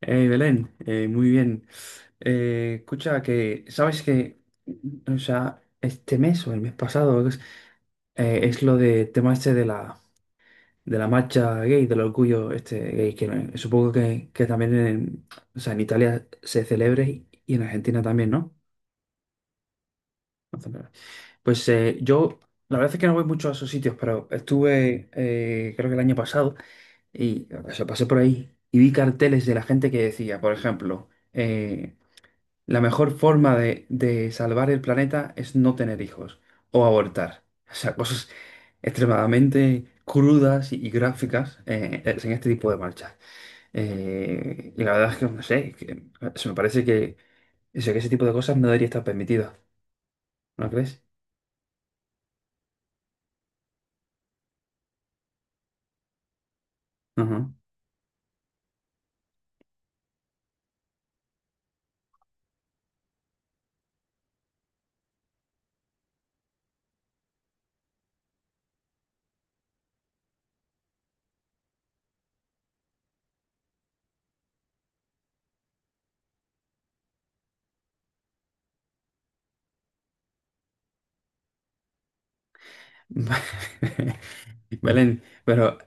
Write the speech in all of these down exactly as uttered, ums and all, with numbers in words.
Hey, Belén, eh, muy bien. Eh, escucha, que sabes que, o sea, este mes o el mes pasado es, eh, es lo de tema este de la, de la marcha gay, del orgullo este gay, que eh, supongo que, que también en, o sea, en Italia se celebra y, y en Argentina también, ¿no? No celebra. Pues eh, yo, la verdad es que no voy mucho a esos sitios, pero estuve, eh, creo que el año pasado, y o sea, pasé por ahí y vi carteles de la gente que decía, por ejemplo, eh, la mejor forma de, de salvar el planeta es no tener hijos o abortar. O sea, cosas extremadamente crudas y, y gráficas eh, en este tipo de marchas. Eh, y la verdad es que, no sé, que- se me parece que, o sea, que ese tipo de cosas no debería estar permitido. ¿No crees? Ajá. Belén, pero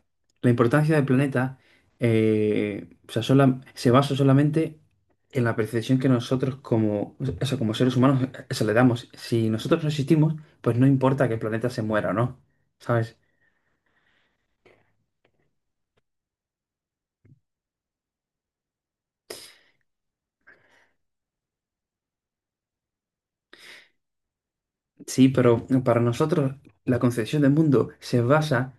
la importancia del planeta eh, o sea, sola- se basa solamente en la percepción que nosotros como, o sea, como seres humanos eh, se le damos. Si nosotros no existimos, pues no importa que el planeta se muera o no, ¿sabes? Sí, pero para nosotros la concepción del mundo se basa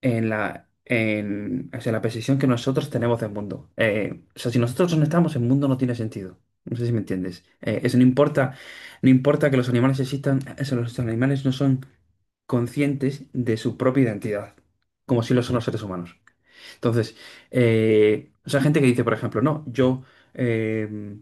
en la, en, o sea, la percepción que nosotros tenemos del mundo. Eh, o sea, si nosotros no estamos, el mundo no tiene sentido. No sé si me entiendes. Eh, eso no importa, no importa que los animales existan, eso, los animales no son conscientes de su propia identidad, como si lo son los seres humanos. Entonces, eh, o sea, gente que dice, por ejemplo, no, yo eh,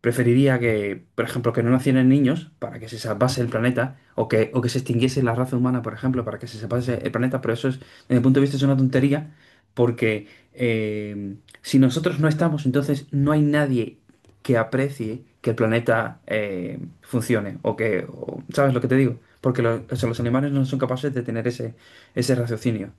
preferiría que, por ejemplo, que no nacieran niños para que se salvase el planeta, o que, o que se extinguiese la raza humana, por ejemplo, para que se salvase el planeta, pero eso es, desde mi punto de vista, es una tontería, porque eh, si nosotros no estamos, entonces no hay nadie que aprecie que el planeta eh, funcione, o que, o- ¿sabes lo que te digo? Porque lo- o sea, los animales no son capaces de tener ese, ese raciocinio.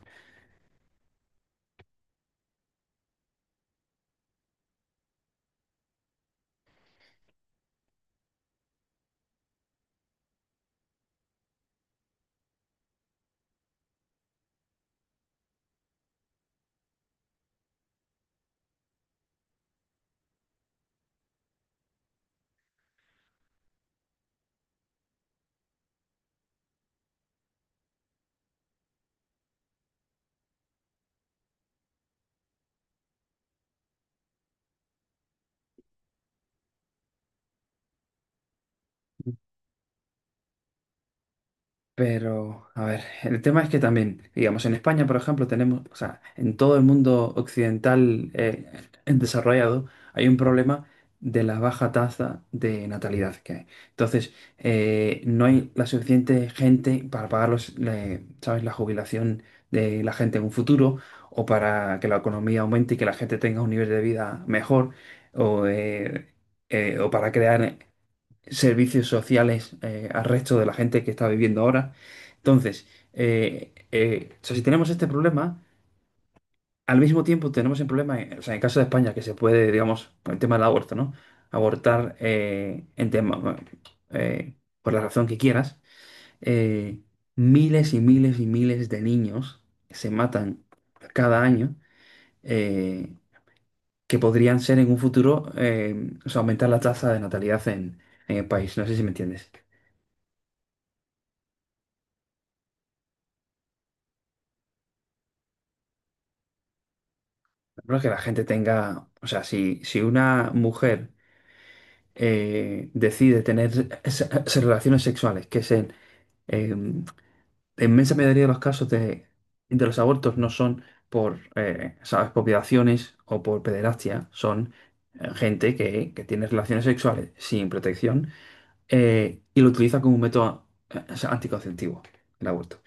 Pero, a ver, el tema es que también, digamos, en España, por ejemplo, tenemos, o sea, en todo el mundo occidental eh, en desarrollado, hay un problema de la baja tasa de natalidad que hay. Entonces, eh, no hay la suficiente gente para pagar los, le- ¿sabes? La jubilación de la gente en un futuro o para que la economía aumente y que la gente tenga un nivel de vida mejor o, eh, eh, o para crear servicios sociales eh, al resto de la gente que está viviendo ahora. Entonces, eh, eh, o sea, si tenemos este problema, al mismo tiempo tenemos el problema, eh, o sea, en el caso de España, que se puede, digamos, con el tema del aborto, ¿no? Abortar eh, en tema, bueno, eh, por la razón que quieras, eh, miles y miles y miles de niños se matan cada año. eh, que podrían ser en un futuro, eh, o sea, aumentar la tasa de natalidad en, en el país. No sé si me entiendes. No es que la gente tenga, o sea, si, si una mujer eh, decide tener es- es- relaciones sexuales, que es en eh, la inmensa mayoría de los casos de, de los abortos no son por, eh, ¿sabes?, por violaciones o por pederastia, son eh, gente que, que tiene relaciones sexuales sin protección eh, y lo utiliza como un método eh, anticonceptivo, el aborto.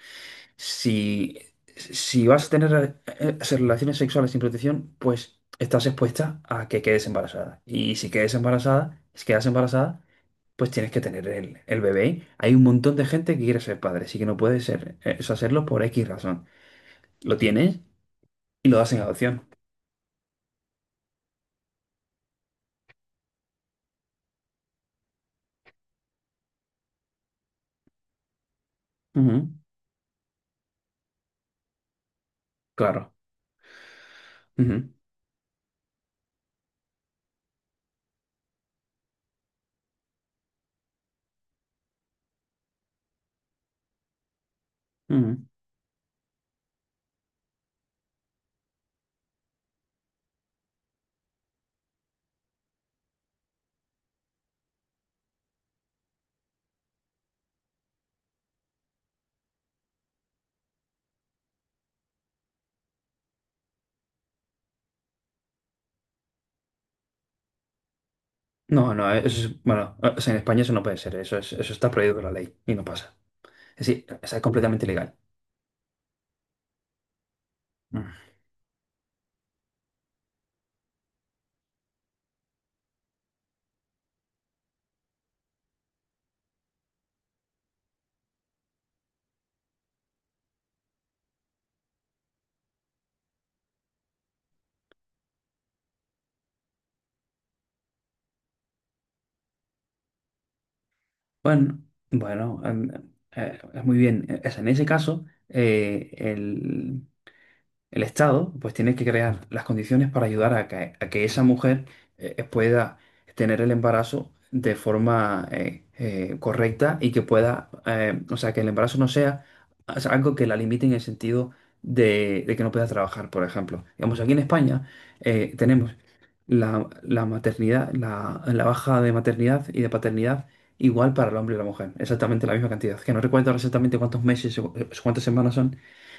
Si, si vas a tener eh, eh, relaciones sexuales sin protección, pues estás expuesta a que quedes embarazada. Y si quedes embarazada, si quedas embarazada, pues tienes que tener el, el bebé. Hay un montón de gente que quiere ser padre, así que no puede ser, eh, eso hacerlo por X razón. Lo tienes y lo das en adopción. Ujú, claro. Ujú, ujú. No, no, eso es, bueno, o sea, en España eso no puede ser, eso es, eso está prohibido por la ley y no pasa. Es decir, o sea, es completamente ilegal. Bueno, bueno, em, eh, es muy bien. Es en ese caso, eh, el, el Estado pues tiene que crear las condiciones para ayudar a que, a que esa mujer eh, eh, pueda tener el embarazo de forma eh, eh, correcta y que pueda, eh, o sea, que el embarazo no sea, o sea, algo que la limite en el sentido de, de que no pueda trabajar, por ejemplo. Digamos, aquí en España eh, tenemos la, la maternidad, la, la baja de maternidad y de paternidad igual para el hombre y la mujer, exactamente la misma cantidad, que no recuerdo ahora exactamente cuántos meses o o cuántas semanas son,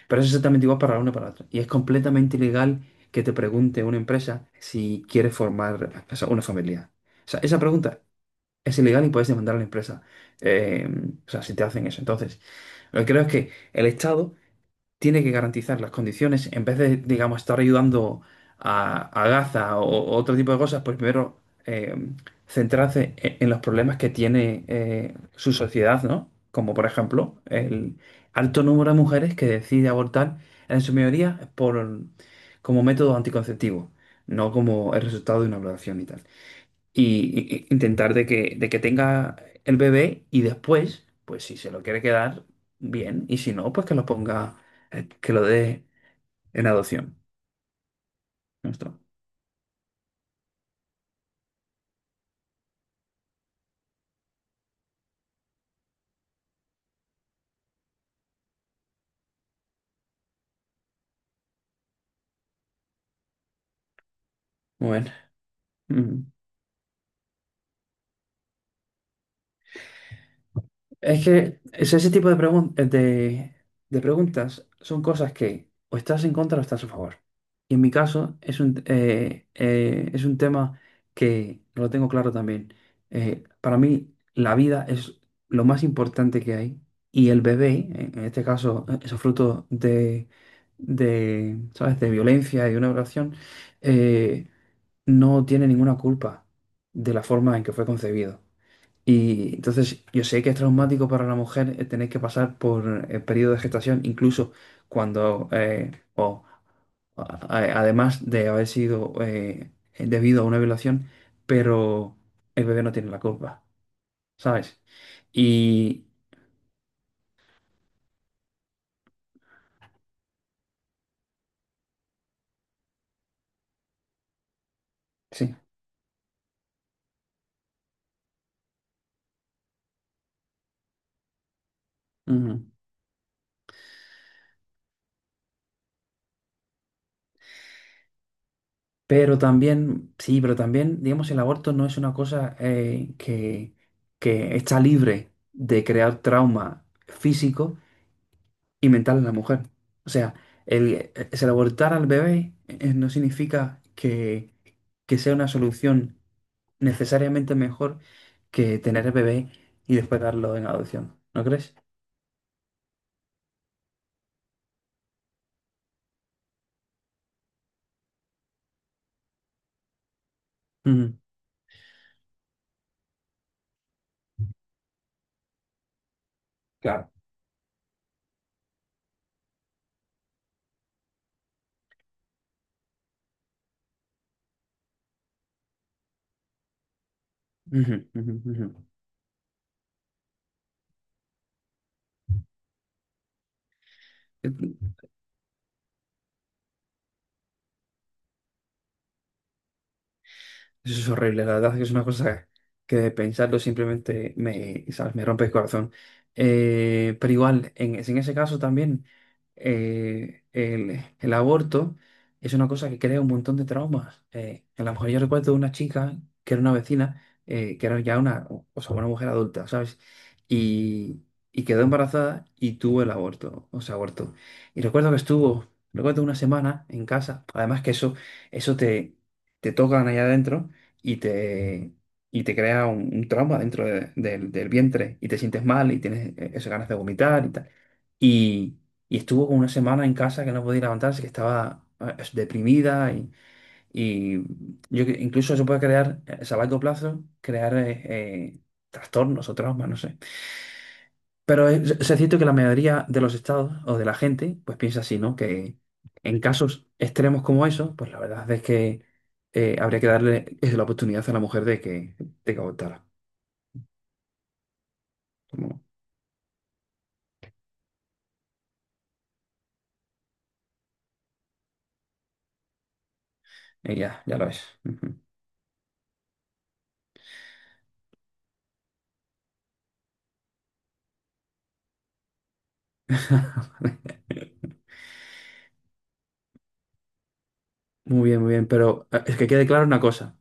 pero es exactamente igual para la una y para la otra. Y es completamente ilegal que te pregunte una empresa si quiere formar, o sea, una familia. O sea, esa pregunta es ilegal y puedes demandar a la empresa. eh, o sea, si te hacen eso. Entonces, lo que creo es que el Estado tiene que garantizar las condiciones, en vez de, digamos, estar ayudando a, a Gaza o, o otro tipo de cosas, pues primero eh, centrarse e- en los problemas que tiene eh, su sociedad, ¿no? Como por ejemplo el alto número de mujeres que decide abortar, en su mayoría por, como método anticonceptivo, no como el resultado de una violación y tal y, y- intentar de que, de que tenga el bebé y después, pues si se lo quiere quedar, bien, y si no, pues que lo ponga, eh, que lo dé en adopción. Ya está. Muy bien. Ujú. Es que es ese tipo de, pregun- de, de preguntas son cosas que o estás en contra o estás a favor. Y en mi caso es un, eh, eh, es un tema que lo tengo claro también. Eh, para mí la vida es lo más importante que hay y el bebé, en en este caso, eh, esos frutos de, de, ¿sabes? De violencia y de una violación, eh, no tiene ninguna culpa de la forma en que fue concebido. Y entonces yo sé que es traumático para la mujer eh, tener que pasar por el periodo de gestación, incluso cuando, eh, o a- a- además de haber sido eh, debido a una violación, pero el bebé no tiene la culpa, ¿sabes? Y sí. Ujú. Pero también, sí, pero también, digamos, el aborto no es una cosa eh, que, que está libre de crear trauma físico y mental en la mujer. O sea, el, el abortar al bebé eh, no significa que, que sea una solución necesariamente mejor que tener el bebé y después darlo en adopción. ¿No crees? Ujú, claro. Ujú, ujú, ujú. Eso es horrible, la verdad es que es una cosa que de pensarlo simplemente me, ¿sabes? Me rompe el corazón. Eh, pero igual, en, en ese caso también, eh, el, el aborto es una cosa que crea un montón de traumas. Eh, a lo mejor yo recuerdo de una chica que era una vecina, eh, que era ya una, o sea, una mujer adulta, ¿sabes? Y, y quedó embarazada y tuvo el aborto, o sea, aborto. Y recuerdo que estuvo, recuerdo una semana en casa, además que eso, eso te, te tocan allá adentro y te, y te crea un, un trauma dentro de- del del vientre y te sientes mal y tienes eh, esas ganas de vomitar y tal. Y, y estuvo como una semana en casa que no podía levantarse, que estaba eh, es- deprimida y, y yo cre- incluso eso puede crear, eh, a largo plazo, crear eh, eh, trastornos o traumas, no sé. Pero es, es cierto que la mayoría de los estados o de la gente, pues piensa así, ¿no? Que en casos extremos como esos, pues la verdad es que eh, habría que darle es la oportunidad a la mujer de que, de que votara. Como ella, ya lo es. Ujú. Muy bien, muy bien. Pero eh, es que quede claro una cosa.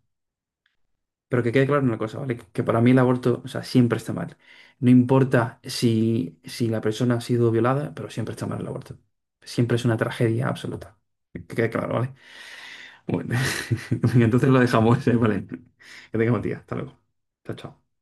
Pero que quede claro una cosa, ¿vale? Que para mí el aborto, o sea, siempre está mal. No importa si, si la persona ha sido violada, pero siempre está mal el aborto. Siempre es una tragedia absoluta. Que quede claro, ¿vale? Bueno, venga, entonces lo dejamos, ¿eh? Vale. Que tengas buen día. Hasta luego. Chao, chao.